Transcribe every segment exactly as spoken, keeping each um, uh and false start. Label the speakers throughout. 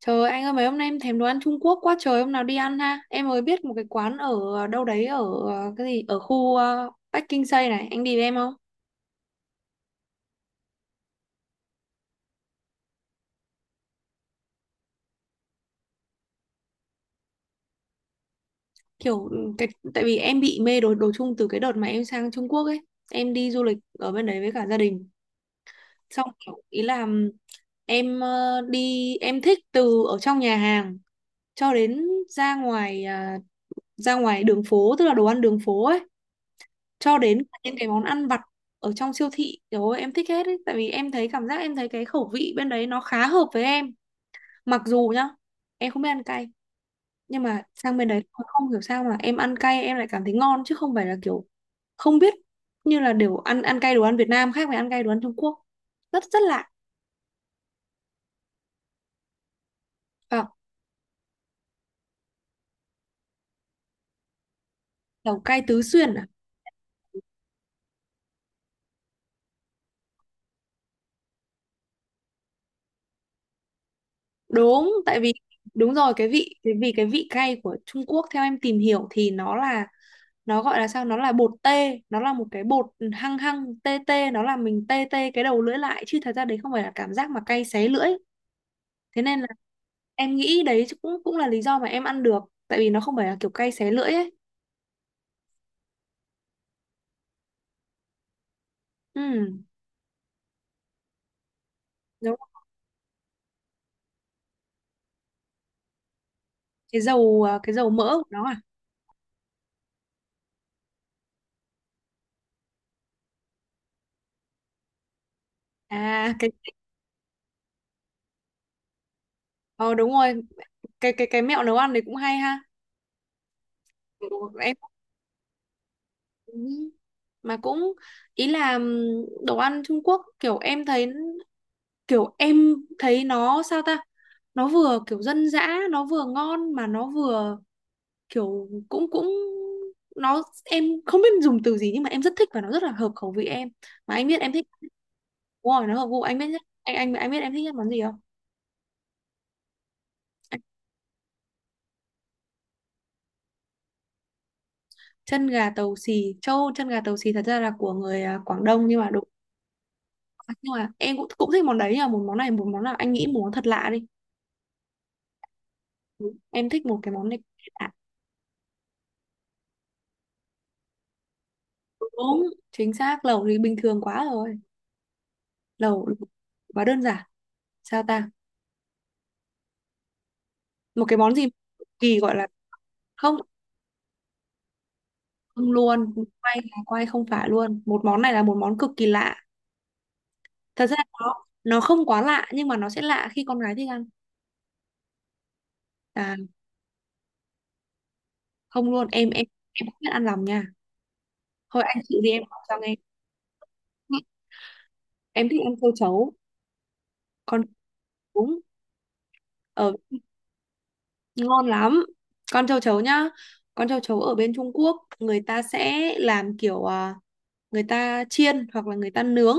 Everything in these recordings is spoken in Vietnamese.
Speaker 1: Trời ơi, anh ơi, mấy hôm nay em thèm đồ ăn Trung Quốc quá trời, hôm nào đi ăn ha. Em mới biết một cái quán ở ờ, đâu đấy, ở ờ, cái gì, ở khu uh, Bắc Kinh Tây này, anh đi với em không? Kiểu ừ, cái tại vì em bị mê đồ đồ Trung từ cái đợt mà em sang Trung Quốc ấy. Em đi du lịch ở bên đấy với cả gia đình. Xong kiểu ý là em ờ, đi em thích từ ở trong nhà hàng cho đến ra ngoài à, ra ngoài đường phố, tức là đồ ăn đường phố ấy, cho đến những cái món ăn vặt ở trong siêu thị, rồi em thích hết ấy. Tại vì em thấy cảm giác, em thấy cái khẩu vị bên đấy nó khá hợp với em. Mặc dù nhá, em không biết ăn cay, nhưng mà sang bên đấy không hiểu sao mà em ăn cay em lại cảm thấy ngon, chứ không phải là kiểu không biết, như là đều ăn ăn cay đồ ăn Việt Nam khác với ăn cay đồ ăn Trung Quốc, rất rất lạ. À, lẩu cay Tứ Xuyên à. Đúng, tại vì đúng rồi, cái vị cái vì cái vị cay của Trung Quốc, theo em tìm hiểu thì nó là nó gọi là sao, nó là bột tê, nó là một cái bột hăng hăng tê tê, nó làm mình tê tê cái đầu lưỡi lại, chứ thật ra đấy không phải là cảm giác mà cay xé lưỡi. Thế nên là em nghĩ đấy cũng cũng là lý do mà em ăn được, tại vì nó không phải là kiểu cay xé lưỡi ấy. Ừ, đúng rồi. Cái dầu à, cái dầu mỡ của nó à. À cái ờ Đúng rồi. Cái cái cái mẹo nấu ăn đấy cũng hay ha. Kiểu em cũng- mà cũng ý là, ừm, đồ ăn Trung Quốc kiểu em thấy, kiểu em thấy nó sao ta, nó vừa kiểu dân dã, nó vừa ngon, mà nó vừa kiểu cũng cũng, nó em không biết dùng từ gì, nhưng mà em rất thích và nó rất là hợp khẩu vị em. Mà anh biết em thích. Đúng rồi, nó hợp gu. Anh biết nhất, anh anh anh biết em thích nhất món gì không? Anh- Chân gà tàu xì, trâu chân gà tàu xì thật ra là của người, à, Quảng Đông, nhưng mà đúng. Nhưng mà em cũng cũng thích món đấy, nhưng một món này, một món nào anh nghĩ một món thật lạ đi. Đúng. Em thích một cái món này lạ. Đúng, chính xác, lẩu thì bình thường quá rồi, lẩu quá đơn giản. Sao ta, một cái món gì kỳ gọi là, không. Không luôn, quay là quay, không phải luôn. Một món này là một món cực kỳ lạ, thật ra nó nó không quá lạ, nhưng mà nó sẽ lạ khi con gái thích ăn. À, không luôn, em em em không biết ăn lòng nha. Thôi anh chịu đi, em không sao nghe. Em thích ăn châu chấu. Con, đúng, ở, ngon lắm. Con châu chấu nhá, con châu chấu ở bên Trung Quốc người ta sẽ làm kiểu à, người ta chiên hoặc là người ta nướng.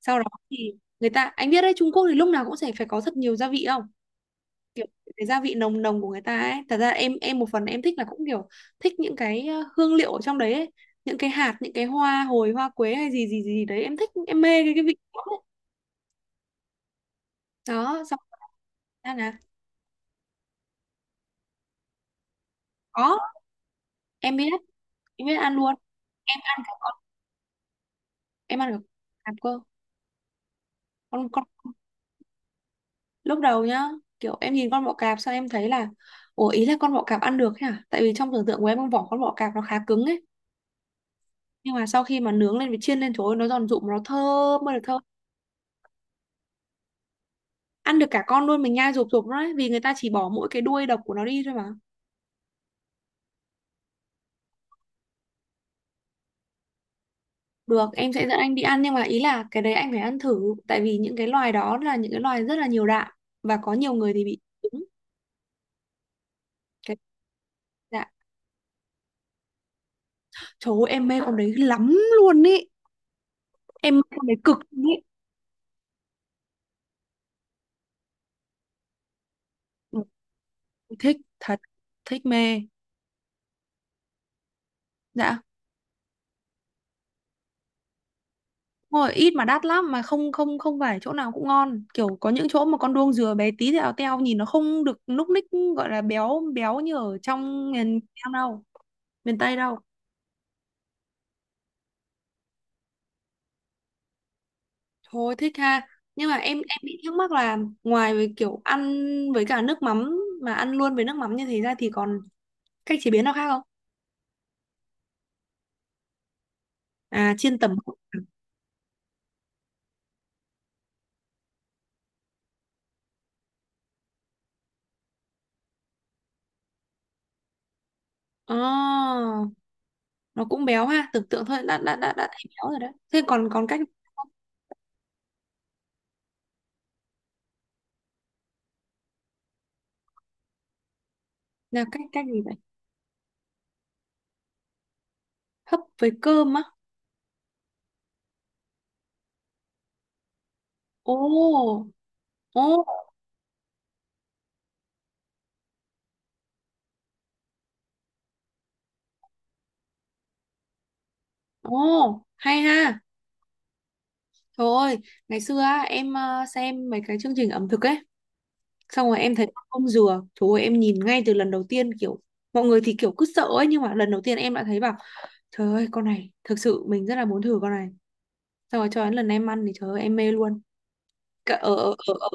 Speaker 1: Sau đó thì người ta, anh biết đấy, Trung Quốc thì lúc nào cũng sẽ phải có thật nhiều gia vị không. Cái gia vị nồng nồng của người ta ấy, thật ra em em một phần em thích là cũng kiểu thích những cái ờ, hương liệu ở trong đấy ấy. Những cái hạt, những cái hoa hồi, hoa quế, hay gì gì gì đấy, em thích, em mê cái cái vị đó ấy. Đó xong ra là có. Em biết, em biết ăn luôn, em ăn cả con, em ăn cả con cạp cơ. Con con Lúc đầu nhá, kiểu em nhìn con bọ cạp, sao em thấy là ủa, ý là con bọ cạp ăn được thế à, tại vì trong tưởng tượng của em con vỏ con bọ cạp nó khá cứng ấy, nhưng mà sau khi mà nướng lên với chiên lên, trời ơi nó giòn rụm, nó thơm ơi là thơm. Ăn được cả con luôn, mình nhai rụp rụp đấy, vì người ta chỉ bỏ mỗi cái đuôi độc của nó đi thôi mà. Được, em sẽ dẫn anh đi ăn, nhưng mà ý là cái đấy anh phải ăn thử, tại vì những cái loài đó là những cái loài rất là nhiều đạm, và có nhiều người thì bị trúng cái đạm. Trời ơi, em mê con đấy lắm luôn ý, em mê con đấy cực luôn ý. Ừ, thích thật, thích mê. Dạ. Rồi, ít mà đắt lắm mà. Không, không không phải chỗ nào cũng ngon, kiểu có những chỗ mà con đuông dừa bé tí, thì ao teo, nhìn nó không được núc ních, gọi là béo béo như ở trong miền Nam đâu, miền Tây đâu. Thôi thích ha. Nhưng mà em em bị thắc mắc là ngoài với kiểu ăn với cả nước mắm, mà ăn luôn với nước mắm như thế ra, thì còn cách chế biến nào khác không? À, chiên tẩm. Ờ, nó cũng béo ha, tưởng tượng thôi đã đã đã đã thấy béo rồi đấy. Thế còn còn cách là cách, cách gì vậy? Hấp với cơm á. Ồ, ồ. Ồ, hay ha. Trời ơi, ngày xưa á, em ờ, xem mấy cái chương trình ẩm thực ấy, xong rồi em thấy ông dừa, trời ơi em nhìn ngay từ lần đầu tiên kiểu mọi người thì kiểu cứ sợ ấy, nhưng mà lần đầu tiên em đã thấy bảo trời ơi con này thực sự mình rất là muốn thử con này. Xong rồi cho đến lần em ăn thì trời ơi em mê luôn. Cả- Ở ở ở ở,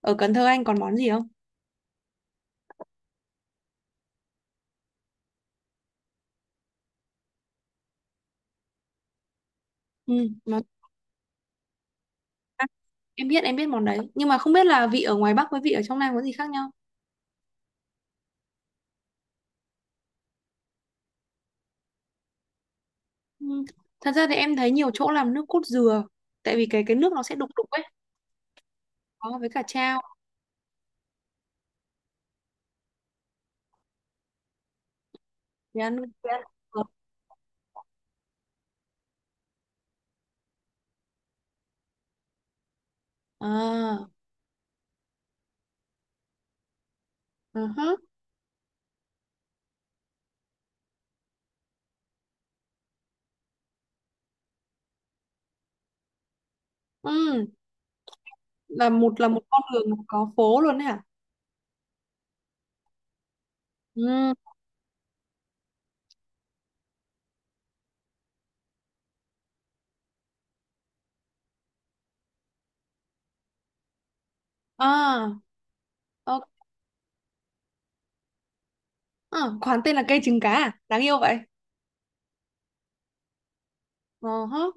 Speaker 1: Ở Cần Thơ anh còn món gì không? Ừ, món em biết, em biết món đấy, nhưng mà không biết là vị ở ngoài Bắc với vị ở trong Nam có gì khác nhau. Ừ. Thật ra thì em thấy nhiều chỗ làm nước cốt dừa, tại vì cái cái nước nó sẽ đục đục ấy. Có, với cả trao thì ăn luôn. Ờ. À, ừ hứ. Ừ, là một là một con đường có phố luôn đấy hả. Ừ. À, ok. À, quán tên là cây trứng cá à, đáng yêu vậy. Ờ hứ.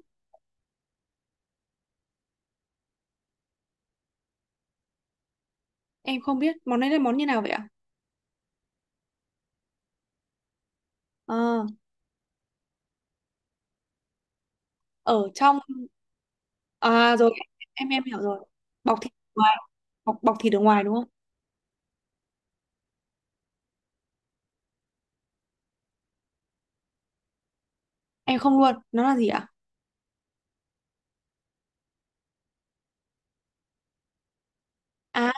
Speaker 1: Em không biết món này là món như nào vậy ạ. Ờ, ở trong, à rồi em em hiểu rồi. Bọc thịt ở ngoài, bọc bọc thịt ở ngoài đúng không? Em không luôn, nó là gì ạ? À,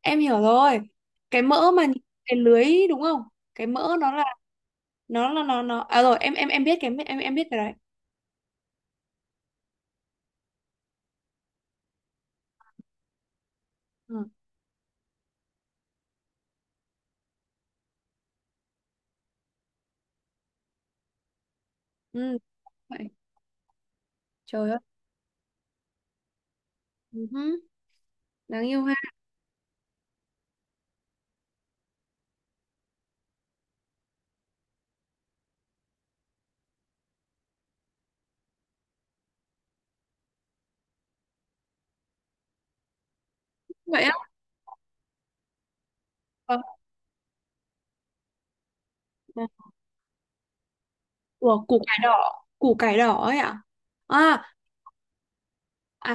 Speaker 1: em hiểu rồi, cái mỡ mà nhìn cái lưới đúng không? Cái mỡ nó là nó là nó nó à rồi em em em biết cái, em em biết cái đấy. Ờ, ừ, vậy. Trời ơi. Ừ, hứ. Đáng yêu ha. Vậy á. Ờ, ờ. Ủa, củ cải đỏ. Củ cải đỏ ấy ạ? À, à,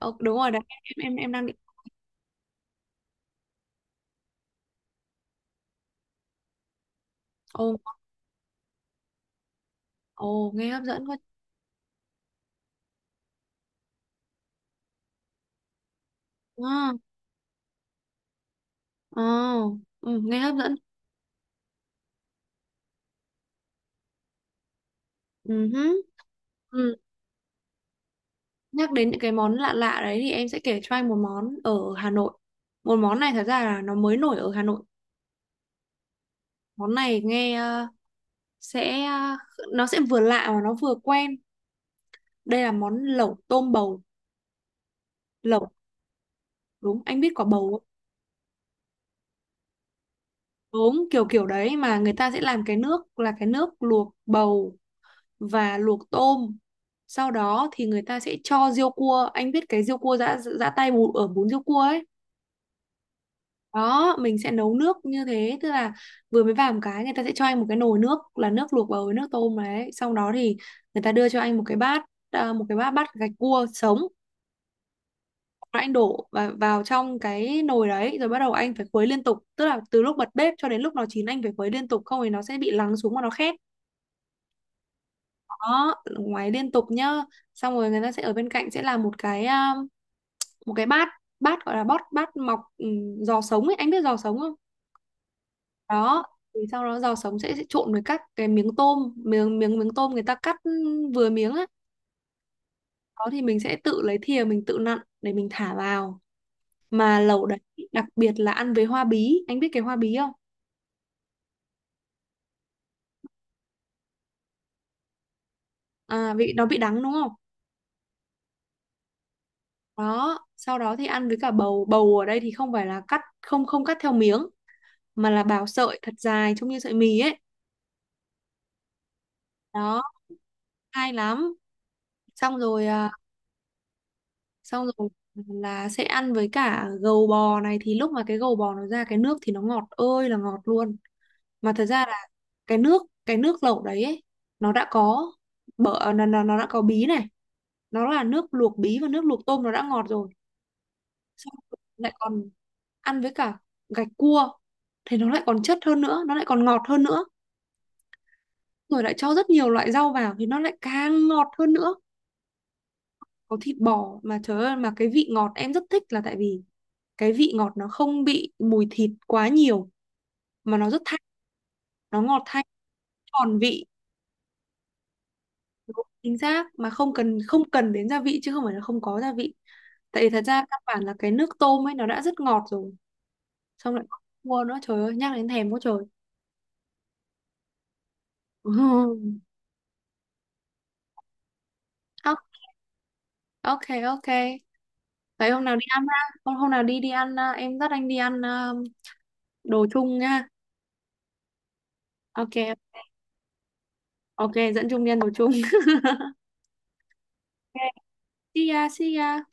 Speaker 1: ờ, đúng rồi đấy. Em em em đang định. Ồ, ồ, nghe hấp dẫn quá. À, ồ, ừ, nghe hấp dẫn. Ừ, hứ. Ừ. Nhắc đến những cái món lạ lạ đấy thì em sẽ kể cho anh một món ở Hà Nội. Một món này thật ra là nó mới nổi ở Hà Nội. Món này nghe ờ, sẽ, ờ, nó sẽ vừa lạ mà nó vừa quen. Đây là món lẩu tôm bầu. Lẩu, đúng, anh biết quả bầu không? Đúng, kiểu kiểu đấy, mà người ta sẽ làm cái nước là cái nước luộc bầu và luộc tôm. Sau đó thì người ta sẽ cho riêu cua, anh biết cái riêu cua giã giã tay bù, ở bún riêu cua ấy. Đó, mình sẽ nấu nước như thế, tức là vừa mới vào một cái, người ta sẽ cho anh một cái nồi nước, là nước luộc bầu với nước tôm đấy, xong đó thì người ta đưa cho anh một cái bát, à, một cái bát bát gạch cua sống. Rồi anh đổ và vào trong cái nồi đấy, rồi bắt đầu anh phải khuấy liên tục, tức là từ lúc bật bếp cho đến lúc nó chín anh phải khuấy liên tục, không thì nó sẽ bị lắng xuống mà nó khét. Đó, ngoáy liên tục nhá. Xong rồi người ta sẽ ở bên cạnh sẽ làm một cái à, một cái bát, bát gọi là bót bát mọc, ừ, giò sống ấy, anh biết giò sống không? Đó, thì sau đó giò sống sẽ, sẽ trộn với các cái miếng tôm, miếng miếng miếng tôm người ta cắt, ừ, vừa miếng á. Đó thì mình sẽ tự lấy thìa mình tự nặn để mình thả vào mà lẩu đấy. Đặc biệt là ăn với hoa bí, anh biết cái hoa bí không? À, vị nó bị đắng đúng không? Đó, sau đó thì ăn với cả bầu. Bầu ở đây thì không phải là cắt, không không cắt theo miếng, mà là bào sợi thật dài trông như sợi mì ấy. Đó, hay lắm. Xong rồi, à, xong rồi là sẽ ăn với cả gầu bò này, thì lúc mà cái gầu bò nó ra cái nước thì nó ngọt ơi là ngọt luôn. Mà thật ra là cái nước cái nước lẩu đấy ấy, nó đã có bở à, nó, nó nó đã có bí này, nó là nước luộc bí và nước luộc tôm nó đã ngọt rồi, xong lại còn ăn với cả gạch cua thì nó lại còn chất hơn nữa, nó lại còn ngọt hơn nữa, rồi lại cho rất nhiều loại rau vào thì nó lại càng ngọt hơn nữa. Có thịt bò mà trời ơi, mà cái vị ngọt em rất thích là tại vì cái vị ngọt nó không bị mùi thịt quá nhiều, mà nó rất thanh, nó ngọt thanh, tròn vị. Đúng, chính xác, mà không cần không cần đến gia vị, chứ không phải là không có gia vị. Tại vì thật ra căn bản là cái nước tôm ấy nó đã rất ngọt rồi, xong lại còn cua nữa, trời ơi nhắc đến thèm quá trời. À, ok, ok. Vậy hôm nào đi ăn ha. Hôm hôm nào đi đi ăn, à, em dắt anh đi ăn, à, đồ chung nha. Ok, ok, dẫn Trung đi ăn đồ chung. Ok. See ya, see ya.